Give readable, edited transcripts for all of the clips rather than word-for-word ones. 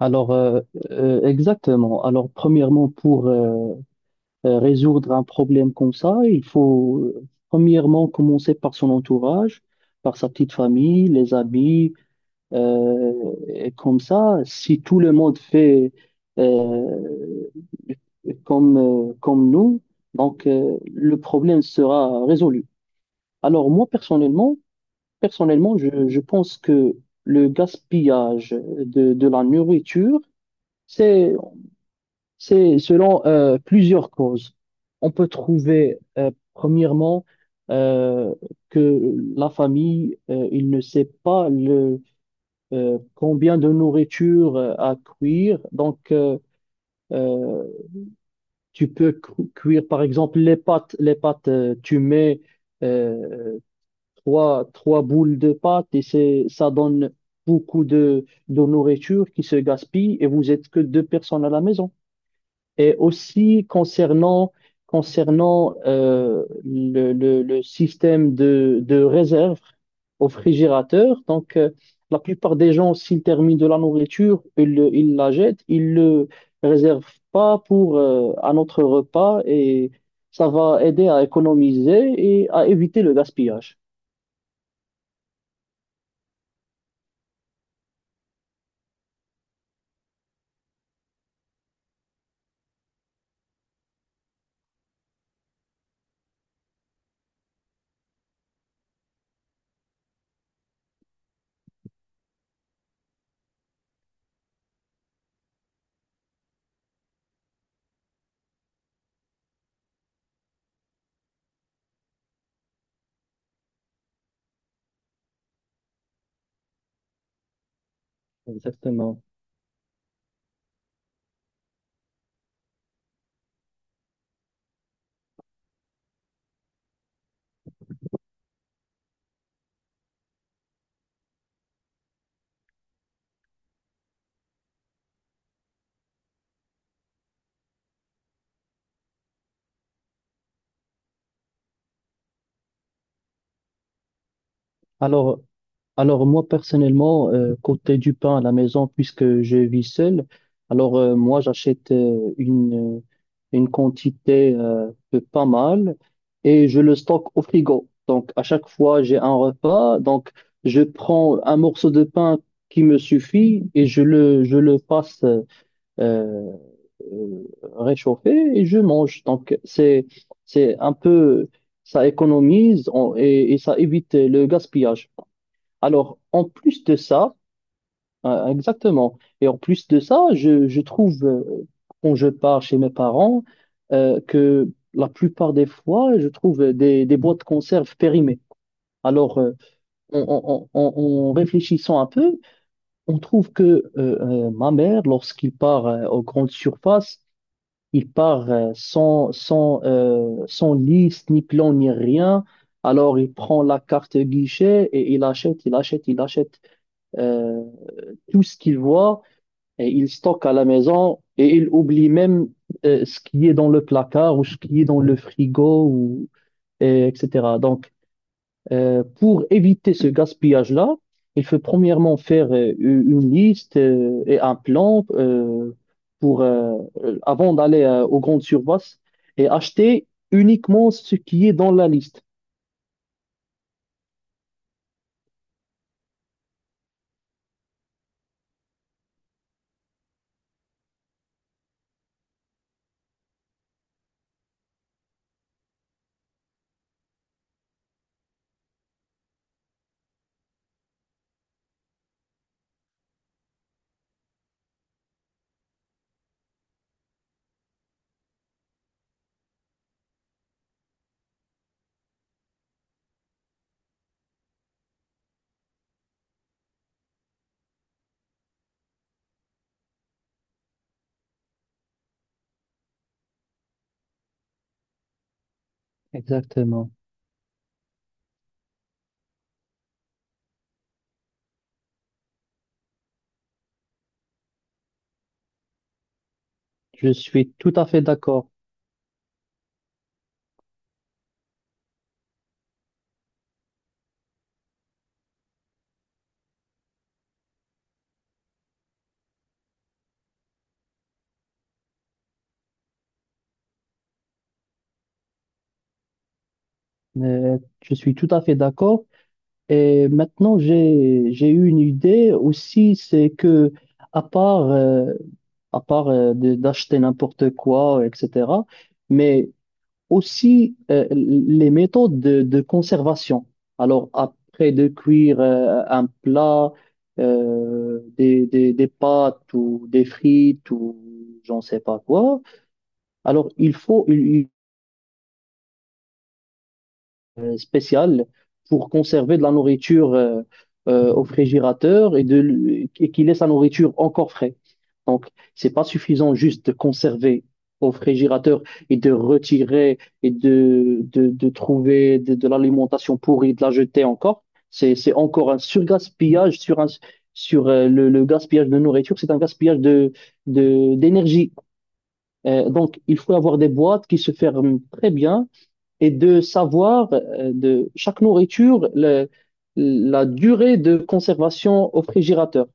Alors, euh, exactement. Alors, premièrement, pour résoudre un problème comme ça, il faut premièrement commencer par son entourage, par sa petite famille, les amis. Et comme ça, si tout le monde fait euh, comme nous, donc le problème sera résolu. Alors, moi, personnellement, je pense que le gaspillage de la nourriture, c'est c'est selon plusieurs causes. On peut trouver, premièrement, euh, que la famille, il ne sait pas combien de nourriture à cuire. Donc, euh, tu peux cuire, par exemple, les pâtes. Les pâtes, tu mets euh, trois boules de pâtes et ça donne beaucoup de nourriture qui se gaspille et vous êtes que deux personnes à la maison. Et aussi concernant, concernant le système de réserve au frigérateur, donc la plupart des gens, s'ils terminent de la nourriture, ils la jettent, ils le réservent pas pour un autre repas et ça va aider à économiser et à éviter le gaspillage. Exactement. Alors, Alors moi personnellement, côté du pain à la maison, puisque je vis seul, alors moi j'achète une quantité de pas mal et je le stocke au frigo. Donc à chaque fois j'ai un repas, donc je prends un morceau de pain qui me suffit et je le passe euh, réchauffer et je mange. C'est un peu, et ça évite le gaspillage. Alors, en plus de ça, exactement. Et en plus de ça, je trouve, quand je pars chez mes parents, que la plupart des fois, je trouve des boîtes de conserve périmées. Alors, en réfléchissant un peu, on trouve que ma mère, lorsqu'il part aux grandes surfaces, il part sans liste, ni plan, ni rien. Alors, il prend la carte guichet et il achète. Euh, tout ce qu'il voit, et il stocke à la maison et il oublie même ce qui est dans le placard ou ce qui est dans le frigo, ou, et etc. Donc, pour éviter ce gaspillage-là, il faut premièrement faire une liste et un plan pour, avant d'aller aux grandes surfaces et acheter uniquement ce qui est dans la liste. Exactement. Je suis tout à fait d'accord. Euh, je suis tout à fait d'accord. Et maintenant, j'ai eu une idée aussi, c'est que à part euh, à part d'acheter n'importe quoi, etc. Mais aussi les méthodes de conservation. Alors après de cuire un plat, des pâtes ou des frites ou j'en sais pas quoi. Alors il faut il spéciales pour conserver de la nourriture au frigérateur et qui laisse la nourriture encore frais. Donc, c'est pas suffisant juste de conserver au frigérateur et de retirer de trouver de l'alimentation pourrie, de la jeter encore. C'est encore un surgaspillage sur le gaspillage de nourriture, c'est un gaspillage d'énergie. Donc, il faut avoir des boîtes qui se ferment très bien et de savoir de chaque nourriture la durée de conservation au frigérateur.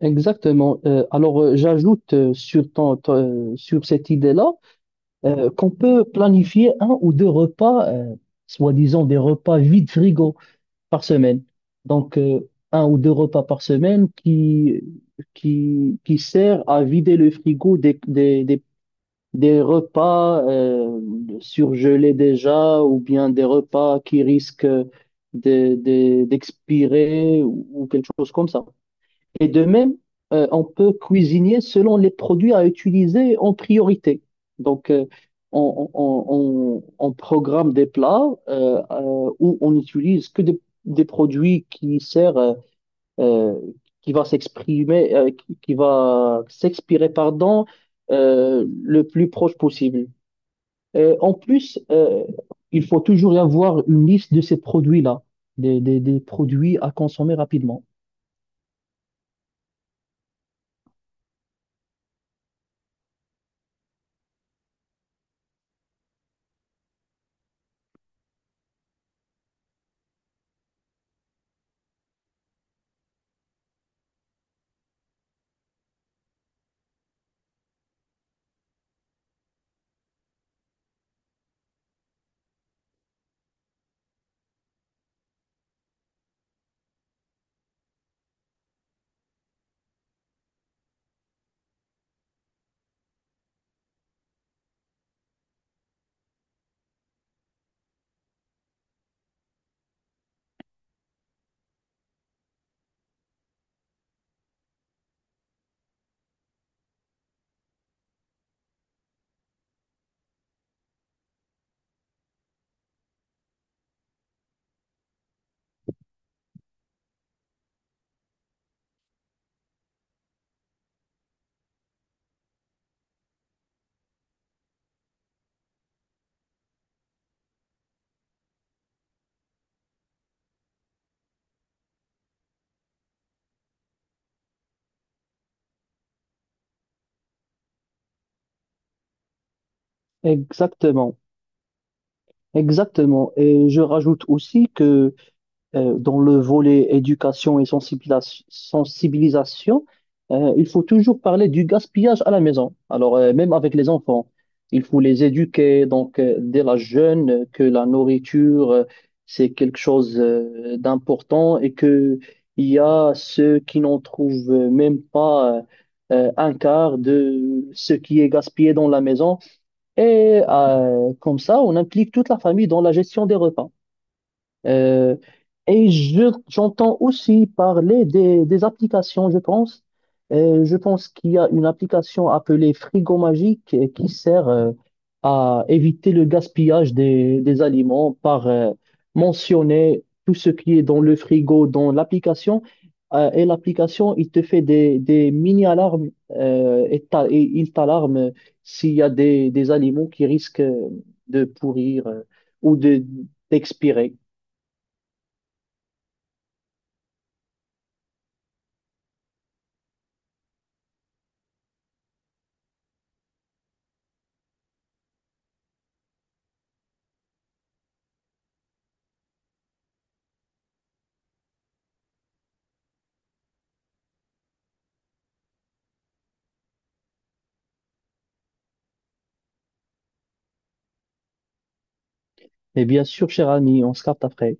Exactement. J'ajoute sur sur cette idée-là qu'on peut planifier un ou deux repas, soi-disant des repas vide frigo par semaine. Donc, un ou deux repas par semaine qui qui sert à vider le frigo des repas surgelés déjà ou bien des repas qui risquent d'expirer ou quelque chose comme ça. Et de même, on peut cuisiner selon les produits à utiliser en priorité. Donc, on programme des plats où on n'utilise que des produits qui servent, euh, qui va s'exprimer, qui va s'expirer, pardon, le plus proche possible. Euh, en plus, euh, il faut toujours y avoir une liste de ces produits-là, des produits à consommer rapidement. Exactement, exactement. Et je rajoute aussi que dans le volet éducation et sensibilisation, il faut toujours parler du gaspillage à la maison. Alors, même avec les enfants, il faut les éduquer, donc, dès la jeune, que la nourriture, c'est quelque chose, d'important et que il y a ceux qui n'en trouvent même pas, un quart de ce qui est gaspillé dans la maison. Et comme ça, on implique toute la famille dans la gestion des repas. Euh, et j'entends aussi parler des applications, je pense. Je pense qu'il y a une application appelée Frigo Magique qui sert à éviter le gaspillage des aliments par mentionner tout ce qui est dans le frigo, dans l'application. Et l'application, il te fait des mini-alarmes il t'alarme s'il y a des aliments qui risquent de pourrir ou d'expirer. Et bien sûr, cher ami, on se capte après.